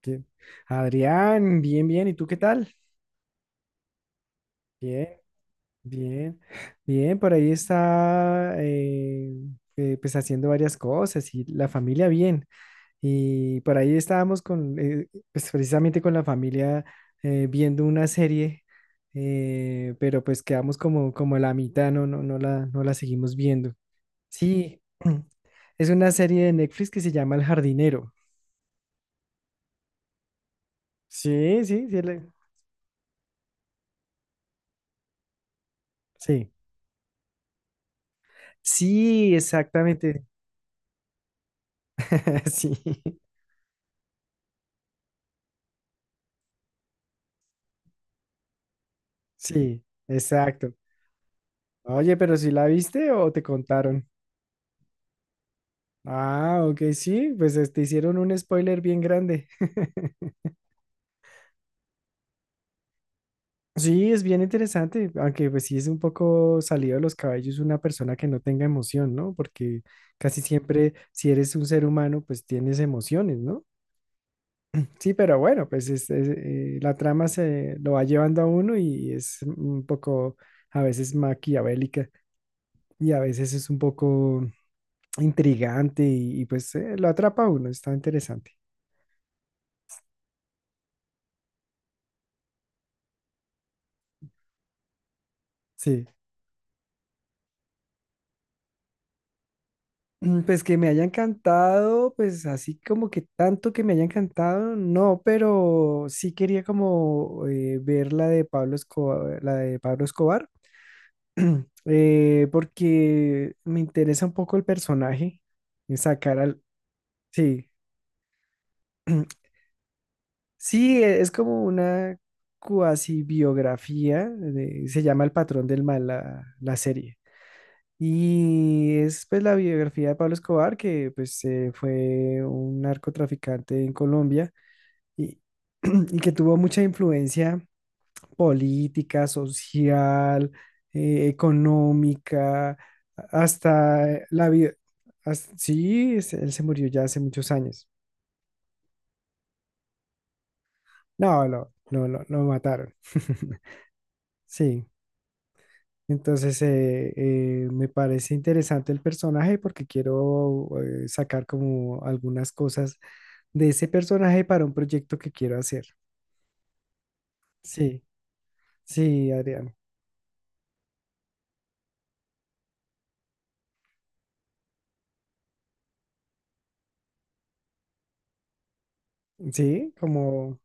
¿Qué? Adrián, bien, bien. ¿Y tú qué tal? Bien, bien, bien. Por ahí está, pues haciendo varias cosas y la familia bien. Y por ahí estábamos con, pues precisamente con la familia viendo una serie, pero pues quedamos como, como a la mitad, no la seguimos viendo. Sí, es una serie de Netflix que se llama El Jardinero. Sí, sí, sí. Sí. Sí, exactamente. Sí, sí, exacto. Oye, ¿pero si la viste o te contaron? Ah, ok, sí, pues te hicieron un spoiler bien grande. Sí, es bien interesante, aunque pues sí es un poco salido de los cabellos una persona que no tenga emoción, ¿no? Porque casi siempre si eres un ser humano, pues tienes emociones, ¿no? Sí, pero bueno, pues la trama se lo va llevando a uno y es un poco a veces maquiavélica y a veces es un poco intrigante pues lo atrapa a uno, está interesante. Sí. Mm, pues que me haya encantado, pues así como que tanto que me haya encantado, no, pero sí quería como ver la de Pablo Escobar, la de Pablo Escobar, porque me interesa un poco el personaje, y sacar al, sí, sí, es como una cuasi biografía, se llama El Patrón del Mal la serie. Y es pues la biografía de Pablo Escobar, que pues fue un narcotraficante en Colombia y, y que tuvo mucha influencia política, social, económica, hasta la vida. Sí, él se murió ya hace muchos años. No, lo mataron. Sí. Entonces, me parece interesante el personaje porque quiero sacar como algunas cosas de ese personaje para un proyecto que quiero hacer. Sí, sí, Adrián. Sí, como...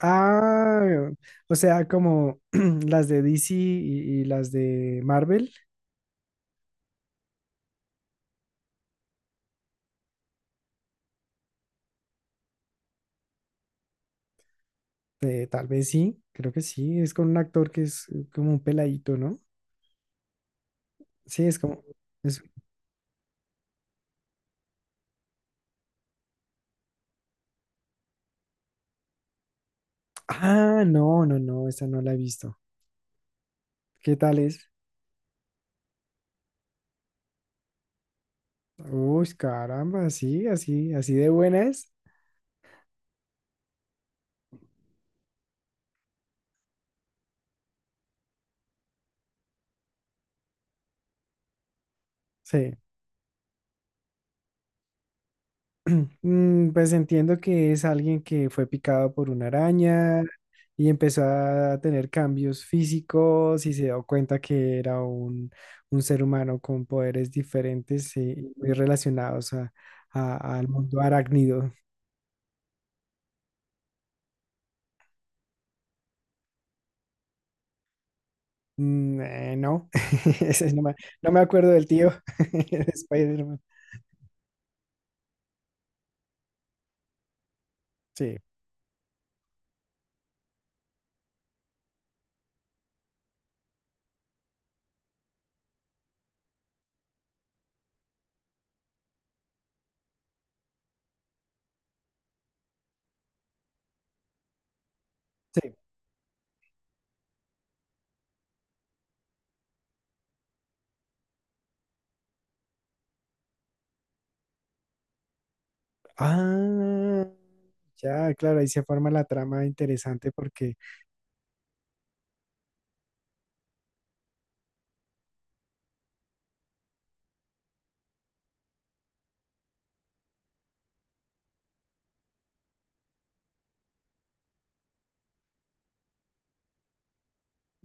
Ah, o sea, como las de DC y las de Marvel, tal vez sí, creo que sí, es con un actor que es como un peladito, ¿no? Sí, es como... es- Ah, no, no, no, esa no la he visto. ¿Qué tal es? Uy, caramba, sí, así, así de buena es. Sí. Mm, pues entiendo que es alguien que fue picado por una araña y empezó a tener cambios físicos y se dio cuenta que era un ser humano con poderes diferentes y muy relacionados al mundo arácnido. Mm, no, ese no me, no me acuerdo del tío de Spider-Man. Sí. Sí. Ah, ya, claro, ahí se forma la trama interesante porque,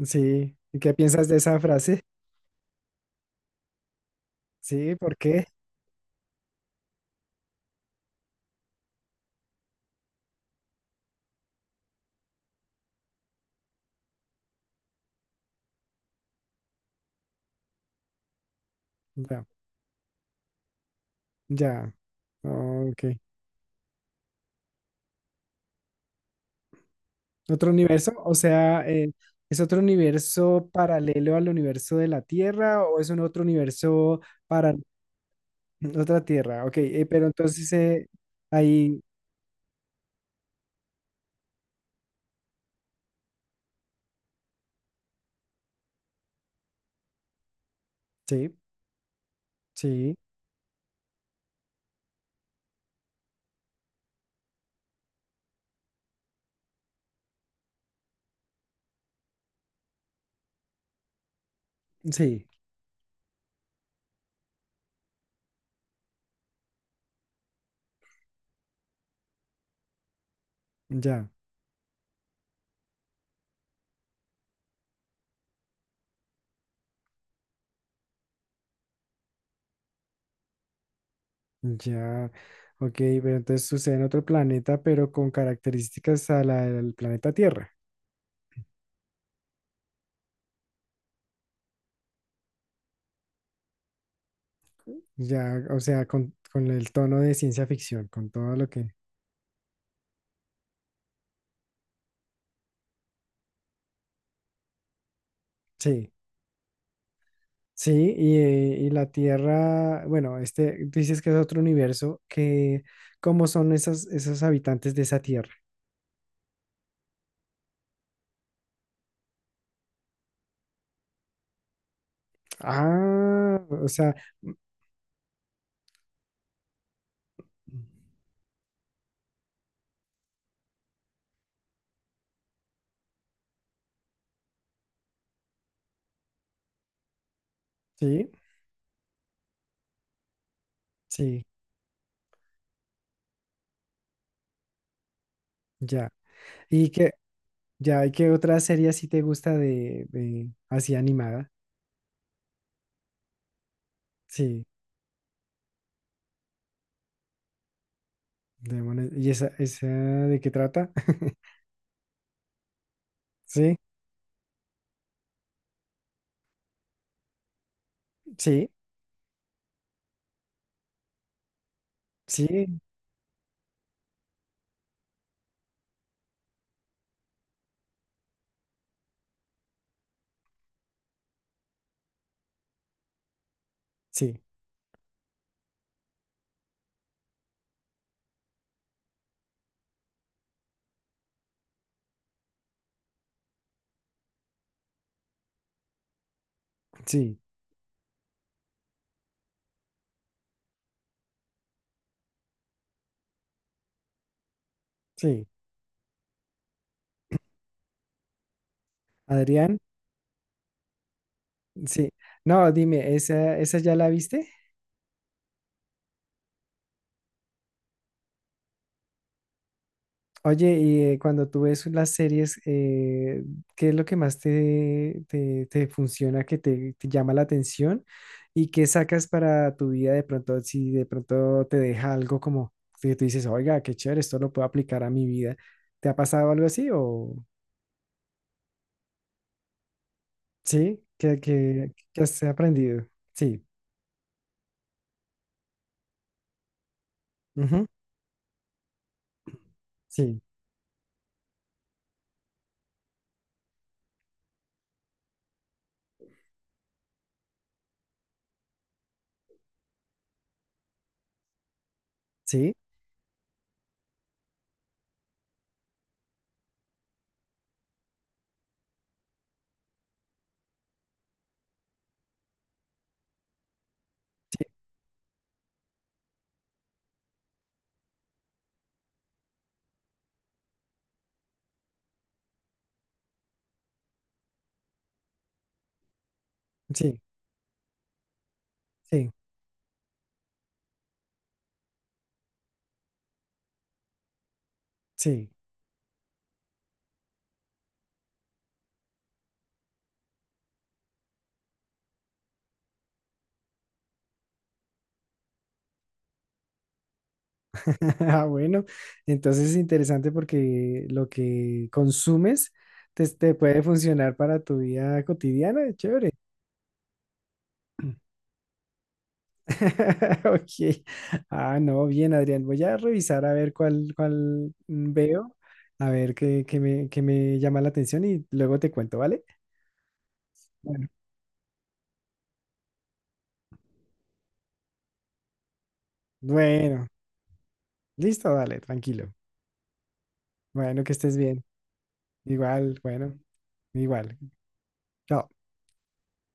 sí, ¿y qué piensas de esa frase? Sí, ¿por qué? Ya, ya, oh, ok. ¿Otro universo? O sea, ¿es otro universo paralelo al universo de la Tierra o es un otro universo para otra Tierra? Ok, pero entonces ahí, sí, sí, sí, ya. Ya, ok, pero entonces sucede en otro planeta, pero con características a la del planeta Tierra. Ya, o sea, con el tono de ciencia ficción, con todo lo que... Sí, sí, y la Tierra, bueno, este dices que es otro universo, que ¿cómo son esas, esos habitantes de esa Tierra? Ah, o sea, mm, sí, sí, ya. Y que, ya, ¿y qué otra serie así te gusta de así animada? Sí. Demonios. ¿Y esa de qué trata? Sí, sí, sí, sí, sí, sí. Adrián, sí. No, dime, ¿esa, esa ya la viste? Oye, y cuando tú ves las series, ¿qué es lo que más te, te funciona, que te llama la atención? ¿Y qué sacas para tu vida de pronto, si de pronto te deja algo como que tú dices, oiga, qué chévere, esto lo puedo aplicar a mi vida? ¿Te ha pasado algo así o...? Sí, que has aprendido. Sí, ujú, sí, sí, sí, sí, sí. Sí. Ah, bueno, entonces es interesante porque lo que consumes te, te puede funcionar para tu vida cotidiana, chévere. Ok. Ah, no, bien, Adrián. Voy a revisar a ver cuál, cuál veo, a ver qué, qué me llama la atención y luego te cuento, ¿vale? Bueno, bueno, listo, dale, tranquilo. Bueno, que estés bien. Igual, bueno, igual. Chao.